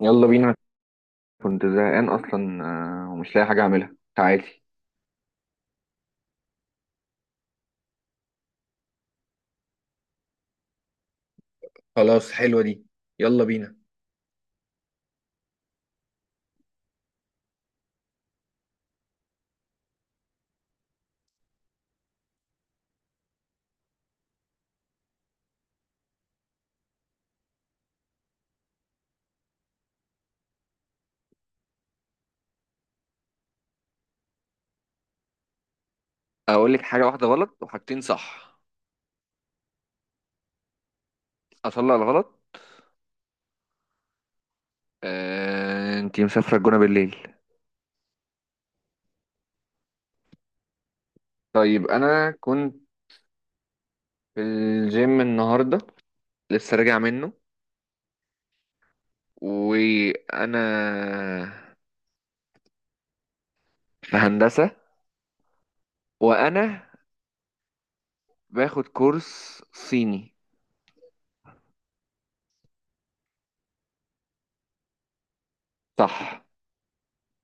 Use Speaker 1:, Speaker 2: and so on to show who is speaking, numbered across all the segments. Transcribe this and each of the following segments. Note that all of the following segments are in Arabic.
Speaker 1: يلا بينا. كنت زهقان اصلا ومش لاقي حاجه اعملها. تعالي. خلاص، حلوة دي. يلا بينا. اقول لك حاجه واحده غلط وحاجتين صح؟ اطلع الغلط. آه، انتي مسافره الجونه بالليل. طيب، انا كنت في الجيم النهارده، لسه راجع منه. وانا في هندسه، وانا باخد كورس صيني. صح.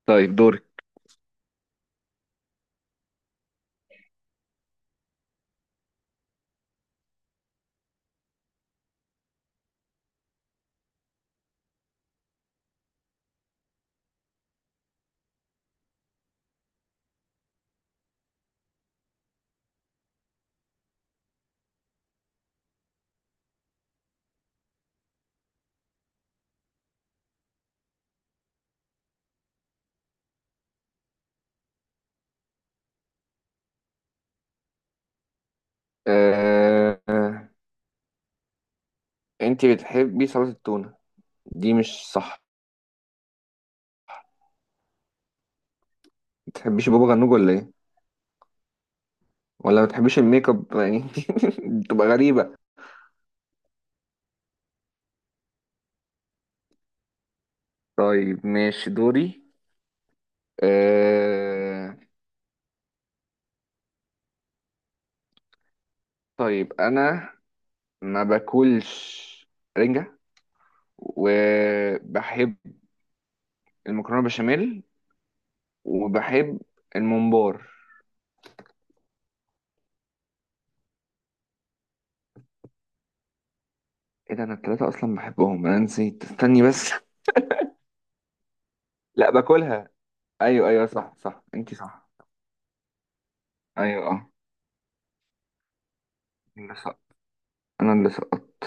Speaker 1: طيب، دورك. آه، آه، انتي بتحبي سلطه التونه، دي مش صح. بتحبيش بابا غنوج ولا ايه؟ ولا ما بتحبيش الميك اب يعني. بتبقى غريبة. طيب، ماشي، دوري. أه... طيب انا ما باكلش رنجة، وبحب المكرونة بشاميل، وبحب الممبار. ايه ده، انا التلاتة اصلا بحبهم، انا نسيت، استني بس. لا، باكلها. ايوه، ايوه، صح، صح، انتي صح. ايوه، اه. اللي سقط. انا اللي سقطت.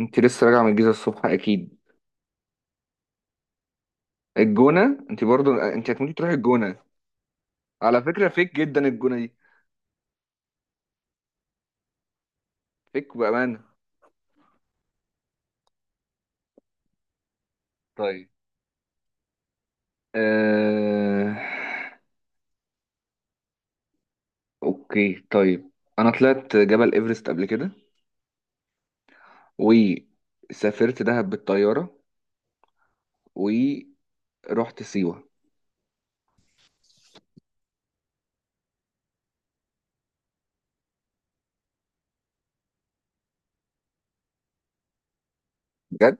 Speaker 1: انتي لسه راجعة من الجيزة الصبح اكيد؟ الجونة؟ انتي برضو انتي هتموتي تروحي الجونة. على فكرة فيك جدا الجونة دي. فيك بأمانة. طيب. آه... أوكي طيب، أنا طلعت جبل إيفرست قبل كده، وسافرت دهب بالطيارة، ورحت سيوة. بجد؟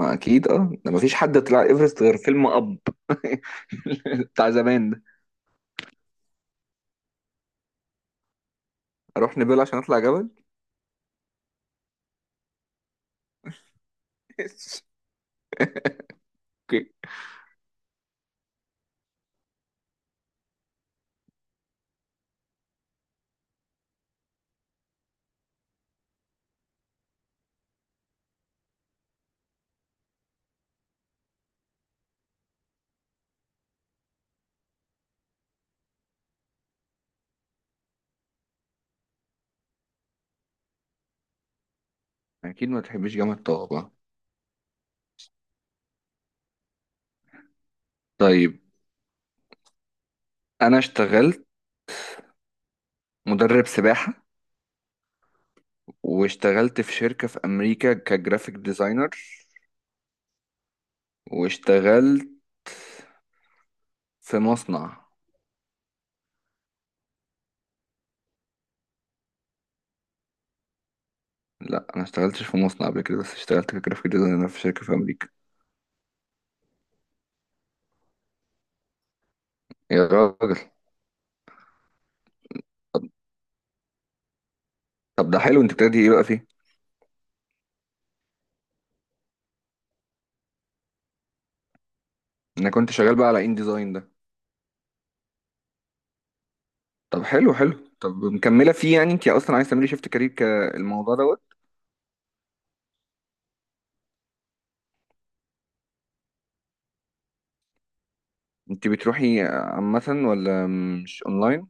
Speaker 1: ما أكيد ده مفيش حد طلع إيفرست غير فيلم أب، بتاع زمان ده. أروح نبيل عشان أطلع جبل؟ أوكي. أكيد ما تحبش جامعة طه. طيب، أنا اشتغلت مدرب سباحة، واشتغلت في شركة في أمريكا كجرافيك ديزاينر، واشتغلت في مصنع. لا، انا اشتغلتش في مصنع قبل كده، بس اشتغلت كجرافيك ديزاينر في شركة في امريكا. يا راجل. طب طب ده حلو، انت بتبتدي ايه بقى فيه؟ انا كنت شغال بقى على ان ديزاين ده. طب حلو حلو، طب مكملة فيه يعني، انت اصلا عايز تعملي شيفت كارير كالموضوع دوت؟ انت بتروحي عامة، ولا مش اونلاين؟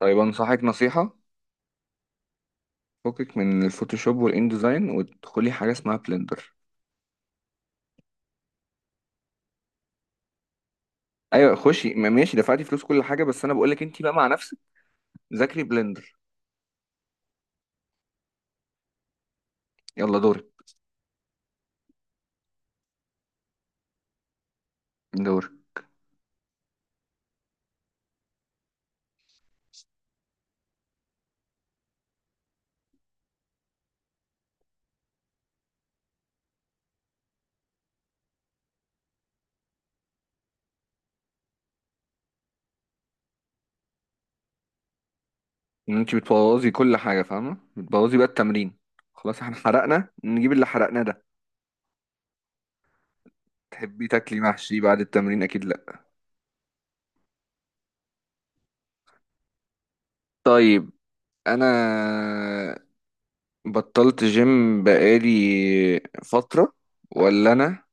Speaker 1: طيب، انصحك نصيحة. فكك من الفوتوشوب والان ديزاين، وادخلي حاجة اسمها بلندر. ايوه خشي، ماشي دفعتي فلوس كل حاجة، بس انا بقولك انت بقى مع نفسك، ذاكري بلندر. يلا دورك. دورك. ان انت بتبوظي كل حاجه، فاهمه؟ بتبوظي بقى التمرين. خلاص، احنا حرقنا، نجيب اللي حرقناه ده. تحبي تاكلي محشي بعد التمرين؟ اكيد لا. طيب، انا بطلت جيم بقالي فتره، ولا انا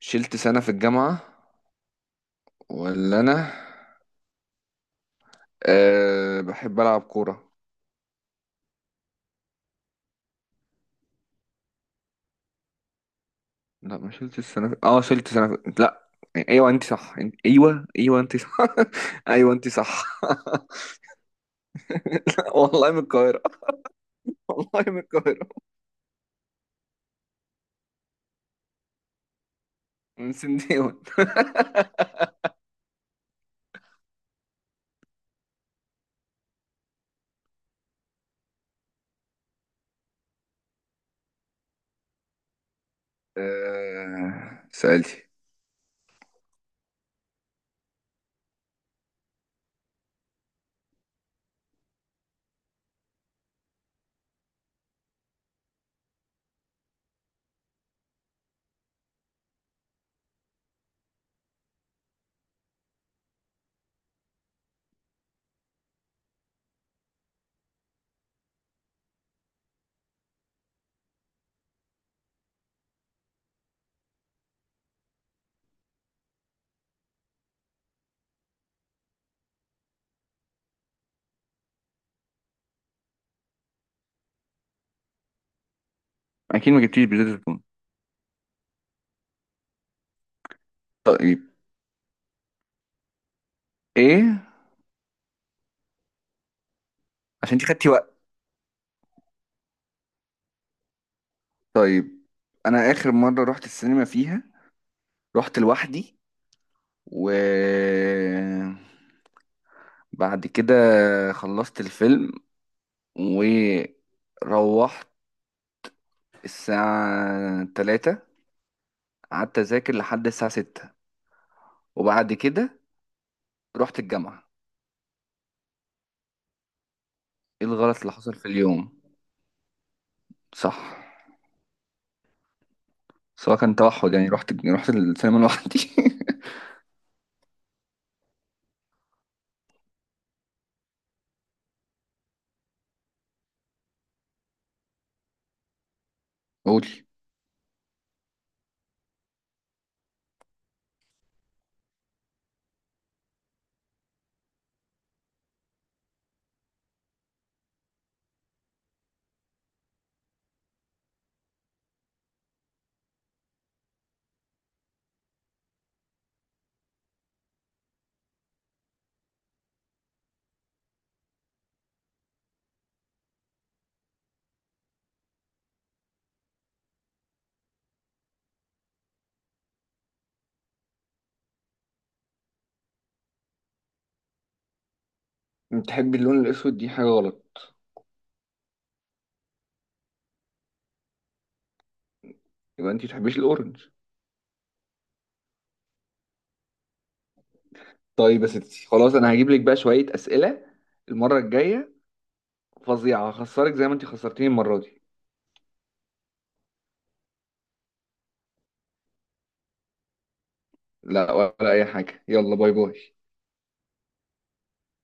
Speaker 1: شلت سنه في الجامعه، ولا انا بحب العب كوره. لا، ما شلت السنه في... شلت سنه في... لا. ايوه انت صح، انت... ايوه، ايوه، انت صح. ايوه انت صح. والله من القاهره. والله من القاهره. سن ديون. سألتي؟ أكيد ما جبتيش بزيت الزيتون. طيب. إيه؟ عشان أنت خدتي وقت. طيب، أنا آخر مرة رحت السينما فيها، رحت لوحدي، و بعد كده خلصت الفيلم، وروحت الساعة 3، قعدت أذاكر لحد الساعة 6، وبعد كده رحت الجامعة. إيه الغلط اللي حصل في اليوم؟ صح. سواء كان توحد يعني، رحت السينما لوحدي. قولي. بتحبي اللون الاسود، دي حاجه غلط. يبقى انت تحبيش الاورنج. طيب يا ستي، خلاص، انا هجيب لك بقى شويه اسئله المره الجايه فظيعه، هخسرك زي ما انت خسرتيني المره دي. لا، ولا اي حاجه، يلا، باي باي.